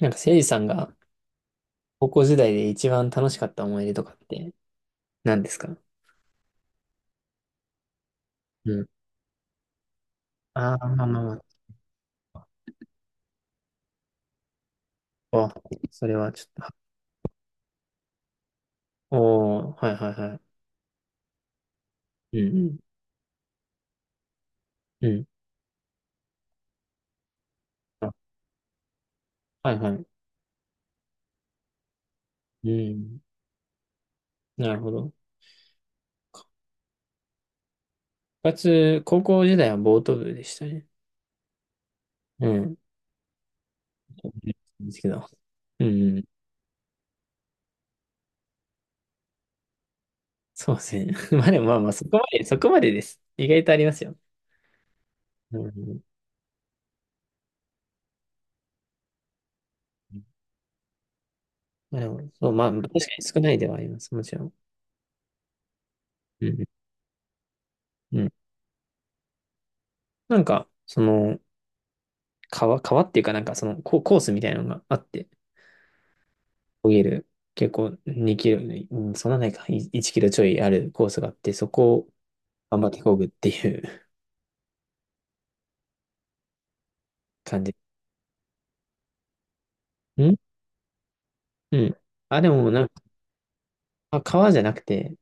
なんか、せいじさんが高校時代で一番楽しかった思い出とかって何ですか？うん。ああ、まあまあまあ。あ、それはちょっと、はおー、はいはいはい。うん、うん、うん。あ、はいはい。うん。なるほど。部活、高校時代はボート部でしたね。うん。ですけど。うん。そうですね。まあでもまあまあ、そこまでです。意外とありますよ。うん。まあでも、そう、まあ、確かに少ないではあります。もちろん。うん。うん。なんか、その、川っていうかなんかそのココースみたいなのがあって、見える、結構2キロ、うん、そんなないか、い1キロちょいあるコースがあって、そこを頑張ってこぐっていう感じ。んうん。あ、でもなんか、あ川じゃなくて、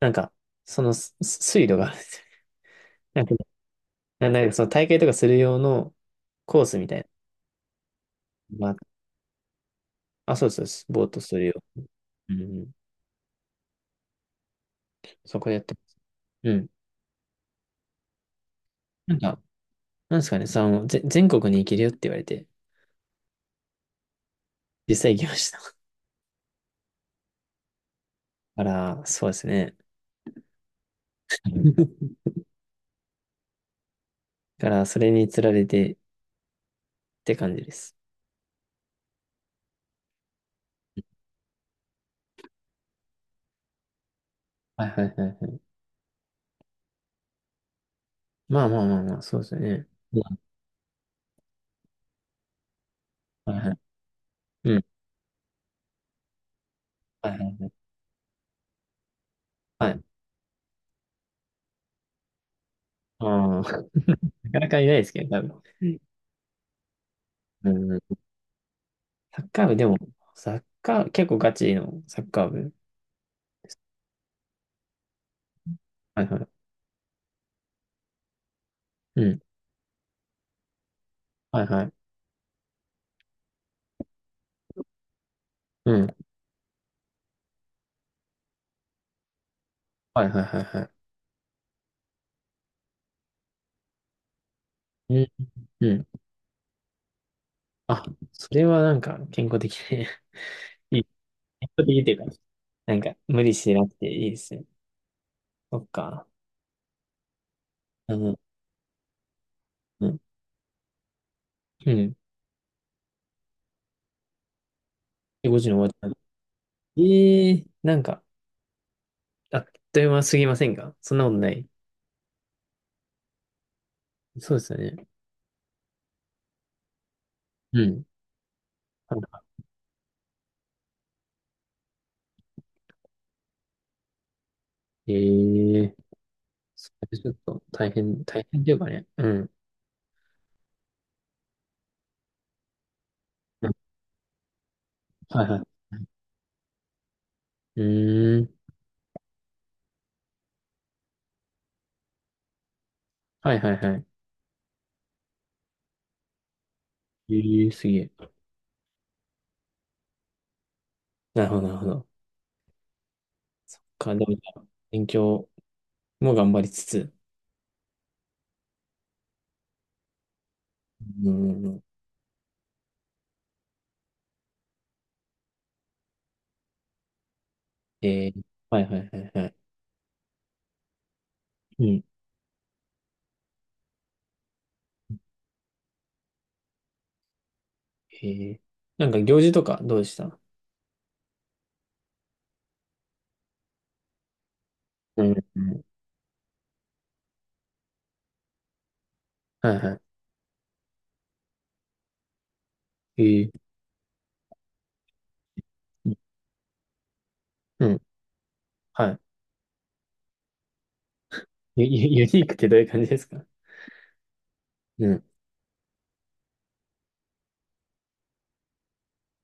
なんか、そのす水路があるんですよ。なんか、ななんかその大会とかする用のコースみたいなのが。あ、そうそうです、ボートするよ。うん。そこでやってます。うん。なんか、なんですかね、その、ぜ、全国に行けるよって言われて、実際行きました。から、そうですね。から、それにつられてって感じです。はいはいはいはい。まあまあまあまあ、そうですよね。うんはいはい。うん。はいはいはいはい。ああ、なかなかいないですけど、多分。うん。うんサッカー部、でも、サッカー、結構ガチのサッカー部。はいはい。うん。はいはい。うん。はいはいはいはい。うん。うん。あ、それはなんか健康的で、いい。健康的っていうか、なんか無理してなくていいですね。そっか。うん。うん。うん。で、ご時の終わった。ええーなんか、あっという間すぎませんか？そんなことない。そうですよね。うん。ええー、それちょっと大変というかね。うん。うんはいはい。うーん。はいはいはい。ええー、すげえ。なるほど。か、でも、勉強も頑張りつつ。うん。うんうんえー、はいはいはいはい。うん。えー、なんか行事とかどうでした？うん。うんはいはい。ええー、うん。はい。ユニークってどういう感じですか？うん。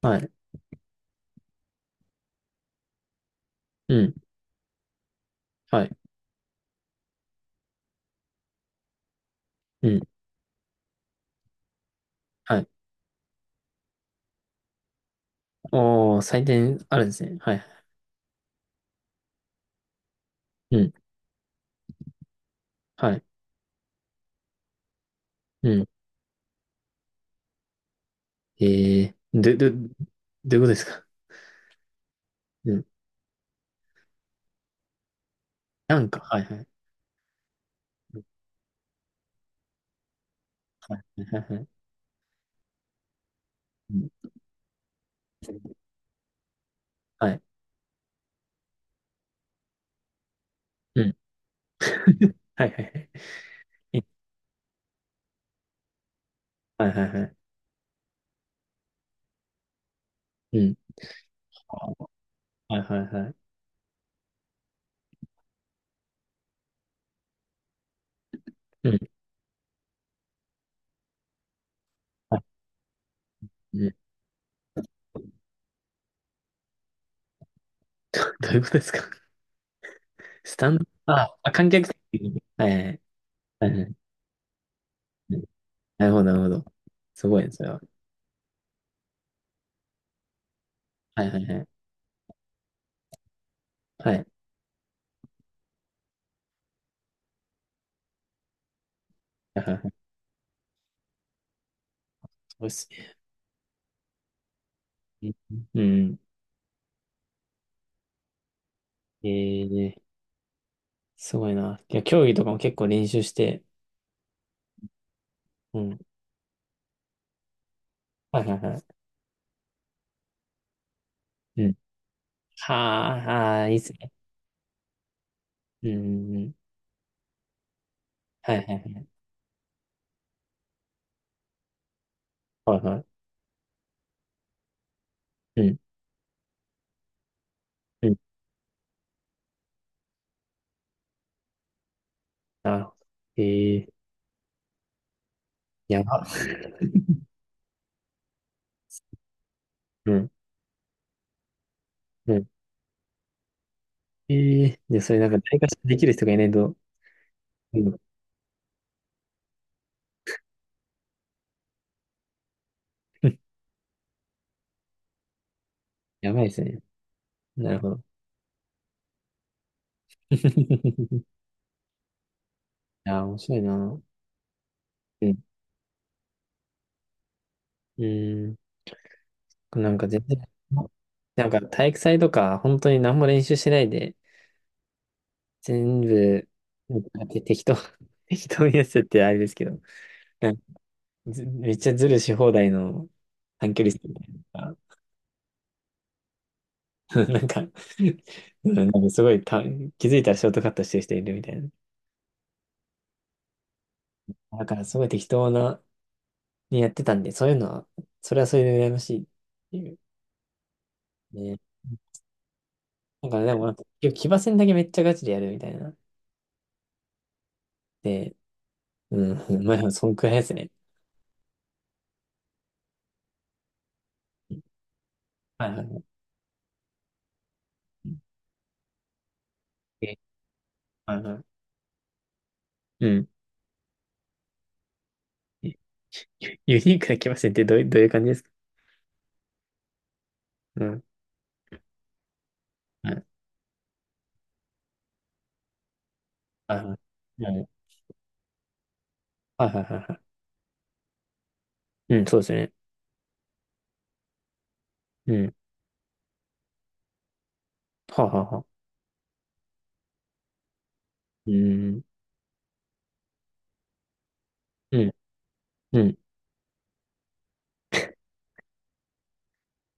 はい。うん。はい。うん。はい。おー、採点あるんですね。はい。うん。はい。うん。えー、どういうことですか？うん。なんか、はいはい。うんはい、はい、はい。はいうんはい。うん。はい、はい、はい。はい、はい、はい。うん。はい、はい、はい。うん。はい。うん。どういうことですか？スタンド、観客席？はい、はい、はい。はいはいうんなるほど。すごいですよ。はい、はい、はい。はい。はいはいはいそうですね。うん。えー、すごいな。いや、競技とかも結構練習して、うん。はいはいはい。うん。はあ、あーいいっすね。うん。うんはいはいはい。はいはい。うん。うん。なるほど。えー、やば。うん。うん。えー、で、それなんか体感できる人がいないと、うん。やばいですね。なるほど。いやー、面白いな。うん。うん。なんか全然、なんか体育祭とか、本当に何も練習しないで、全部、なんか適当、適当にやっててあれですけど。ずめっちゃズルし放題の短距離走みたいな。なんか、うんなんかすごいた、気づいたらショートカットしてる人いるみたいな。だからすごい適当な、にやってたんで、そういうのは、それはそれで羨ましいっていう。ね。なんかでもなんか、結局騎馬戦だけめっちゃガチでやるみたいな。で、うん、まあ、そんくらいですね。はいはい。えはいはいうん。ユユニークな騎馬戦ってどういう、どういう感じですか？うん。はいはいはい。はいはいはいはい。うん、そうですね。うん。はあはあはあうーん、うん、うん、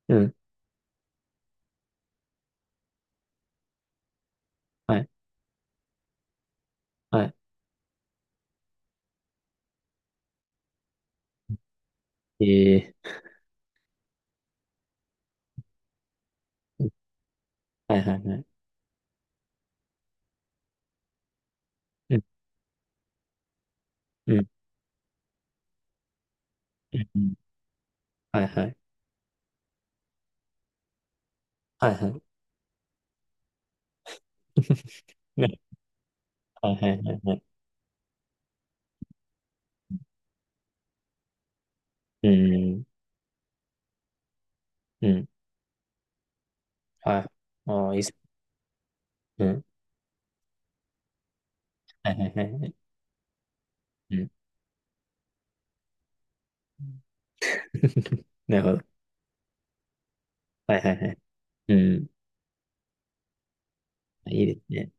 うん、はい、はい、えーはいはいはい、うん、うん、うん、はいはい、はいはい、ねはいはいはいはい、うん、うん、はい、ああ、いいっす、うん、はいはいはいはい、うん、なるほど、はいはいはい、うん、いいですね。